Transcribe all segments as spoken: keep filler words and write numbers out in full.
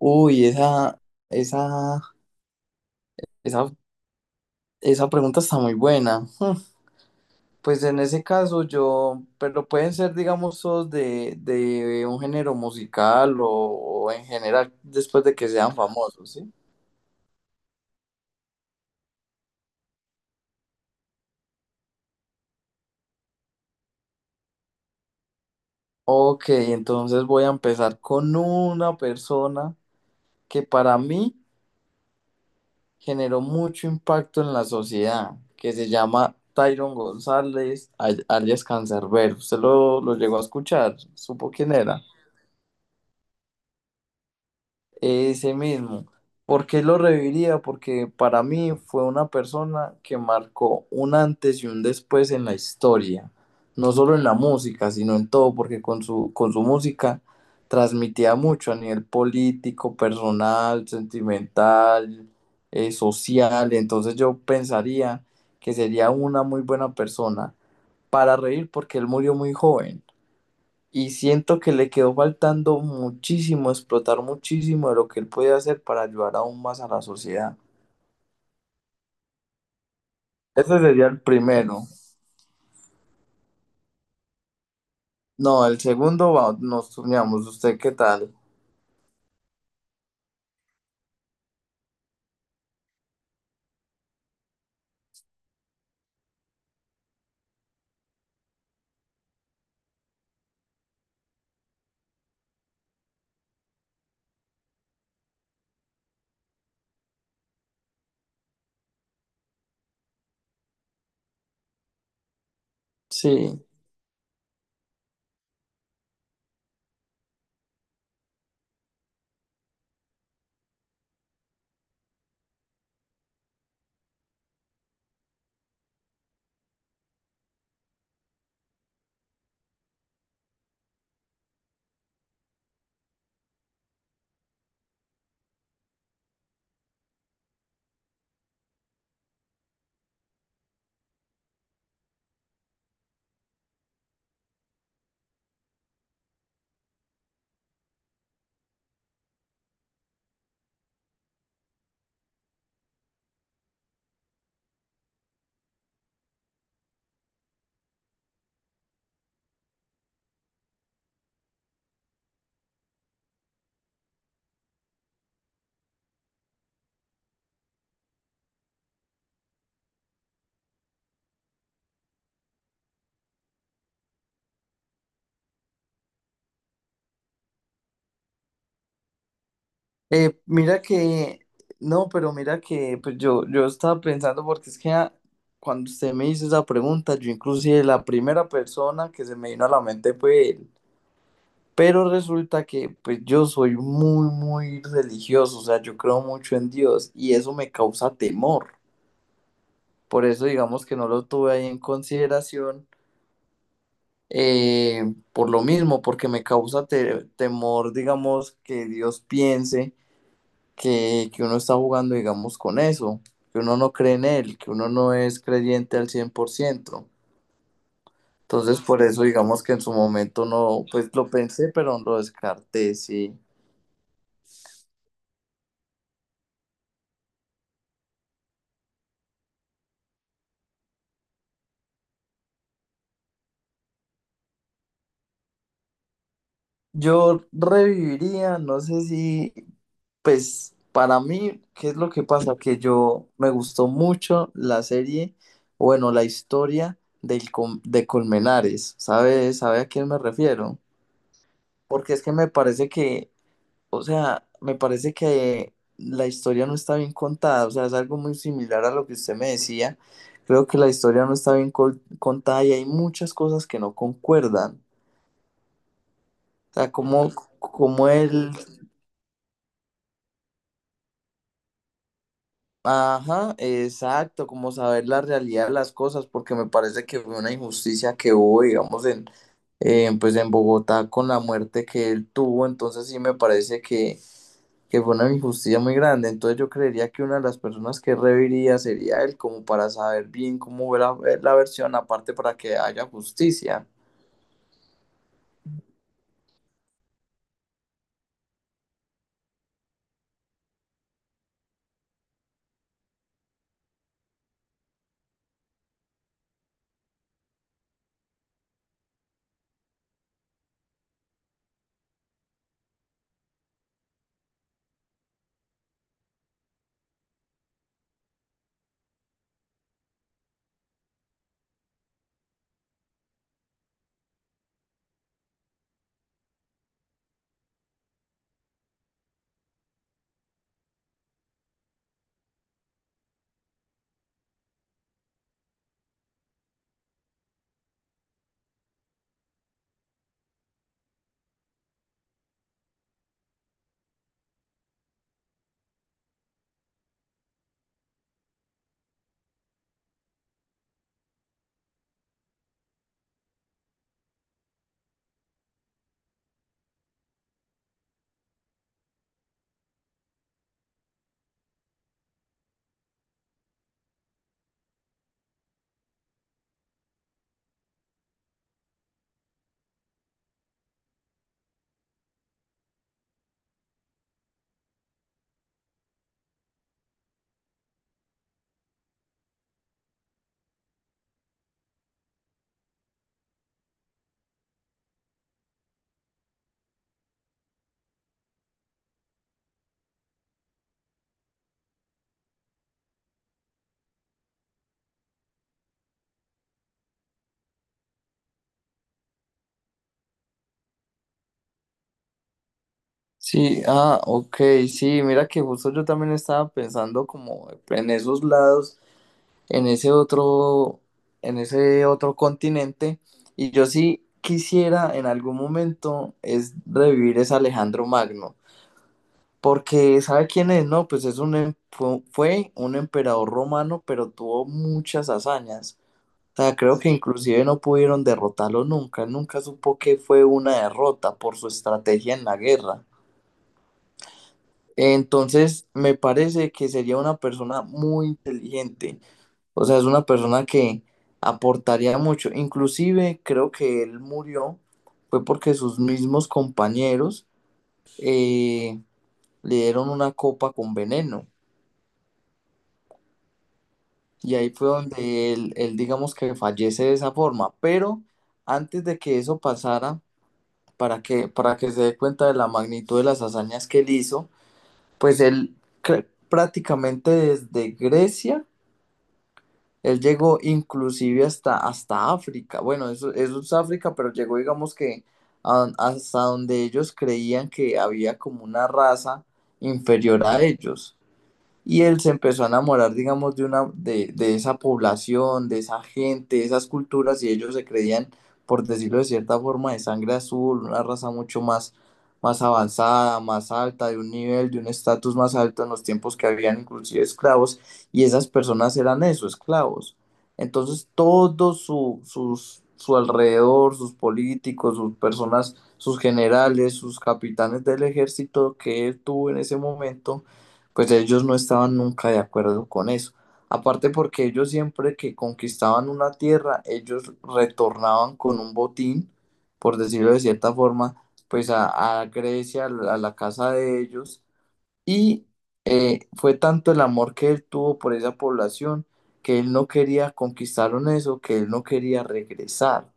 Uy, esa, esa, esa, esa pregunta está muy buena. Pues en ese caso yo, pero pueden ser, digamos, todos de, de un género musical o, o en general después de que sean famosos, ¿sí? Ok, entonces voy a empezar con una persona que para mí generó mucho impacto en la sociedad, que se llama Tyron González, al- alias Cancerbero. ¿Usted lo, lo llegó a escuchar? ¿Supo quién era? Ese mismo. ¿Por qué lo reviviría? Porque para mí fue una persona que marcó un antes y un después en la historia, no solo en la música, sino en todo, porque con su, con su música transmitía mucho a nivel político, personal, sentimental, eh, social. Entonces yo pensaría que sería una muy buena persona para reír porque él murió muy joven. Y siento que le quedó faltando muchísimo, explotar muchísimo de lo que él puede hacer para ayudar aún más a la sociedad. Ese sería el primero. No, el segundo va- nos turnamos. ¿Usted qué tal? Sí. Eh, mira que, no, pero mira que pues yo, yo estaba pensando porque es que ah, cuando usted me hizo esa pregunta, yo inclusive la primera persona que se me vino a la mente fue él. Pero resulta que pues yo soy muy, muy religioso, o sea, yo creo mucho en Dios y eso me causa temor. Por eso digamos que no lo tuve ahí en consideración, eh, por lo mismo, porque me causa te- temor, digamos, que Dios piense que, que uno está jugando, digamos, con eso, que uno no cree en Él, que uno no es creyente al cien por ciento. Entonces, por eso digamos que en su momento no, pues lo pensé, pero lo descarté, sí. Yo reviviría, no sé si, pues para mí, ¿qué es lo que pasa? Que yo me gustó mucho la serie, bueno, la historia del Com- de Colmenares, ¿sabe, sabe a quién me refiero? Porque es que me parece que, o sea, me parece que la historia no está bien contada, o sea, es algo muy similar a lo que usted me decía. Creo que la historia no está bien col- contada y hay muchas cosas que no concuerdan. O sea, como, como él... Ajá, exacto, como saber la realidad de las cosas, porque me parece que fue una injusticia que hubo, digamos, en, en, pues en Bogotá con la muerte que él tuvo, entonces sí me parece que, que fue una injusticia muy grande, entonces yo creería que una de las personas que reviría sería él, como para saber bien cómo fue la, la versión, aparte para que haya justicia. Sí, ah, ok, sí, mira que justo yo también estaba pensando como en esos lados. en ese otro, en ese otro continente. Y yo sí quisiera en algún momento es revivir ese Alejandro Magno, porque ¿sabe quién es? No, pues es un, em- fu- fue un emperador romano, pero tuvo muchas hazañas. O sea, creo que inclusive no pudieron derrotarlo nunca. Él nunca supo que fue una derrota por su estrategia en la guerra. Entonces, me parece que sería una persona muy inteligente. O sea, es una persona que aportaría mucho. Inclusive creo que él murió fue porque sus mismos compañeros eh, le dieron una copa con veneno. Y ahí fue donde él, él, digamos que fallece de esa forma. Pero antes de que eso pasara, para que, para que se dé cuenta de la magnitud de las hazañas que él hizo, pues él cre- prácticamente desde Grecia, él llegó inclusive hasta, hasta África. Bueno, eso, eso es África, pero llegó, digamos que a- hasta donde ellos creían que había como una raza inferior a ellos. Y él se empezó a enamorar, digamos, de una, de, de esa población, de esa gente, de esas culturas, y ellos se creían, por decirlo de cierta forma, de sangre azul, una raza mucho más, más avanzada, más alta, de un nivel, de un estatus más alto en los tiempos que habían inclusive esclavos, y esas personas eran eso, esclavos. Entonces, todo su, sus, su alrededor, sus políticos, sus personas, sus generales, sus capitanes del ejército que él tuvo en ese momento, pues ellos no estaban nunca de acuerdo con eso. Aparte porque ellos siempre que conquistaban una tierra, ellos retornaban con un botín, por decirlo de cierta forma, pues a, a Grecia, a la a la casa de ellos. Y eh, fue tanto el amor que él tuvo por esa población que él no quería conquistaron eso, que él no quería regresar.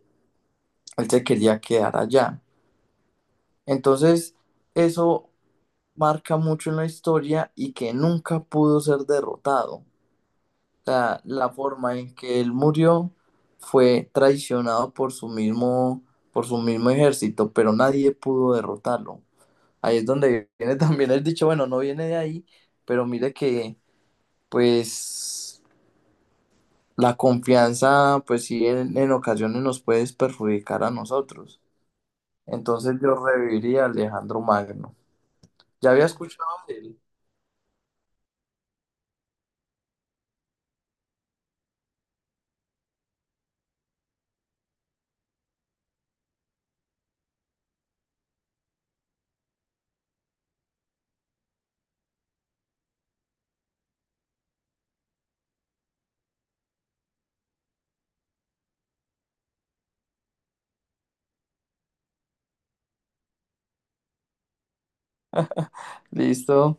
Él se quería quedar allá. Entonces, eso marca mucho en la historia y que nunca pudo ser derrotado. Sea, la forma en que él murió fue traicionado por su mismo, por su mismo ejército, pero nadie pudo derrotarlo. Ahí es donde viene también el dicho, bueno, no viene de ahí, pero mire que, pues, la confianza, pues sí, en, en ocasiones nos puede perjudicar a nosotros. Entonces yo reviviría a Alejandro Magno. ¿Ya había escuchado de él? Listo.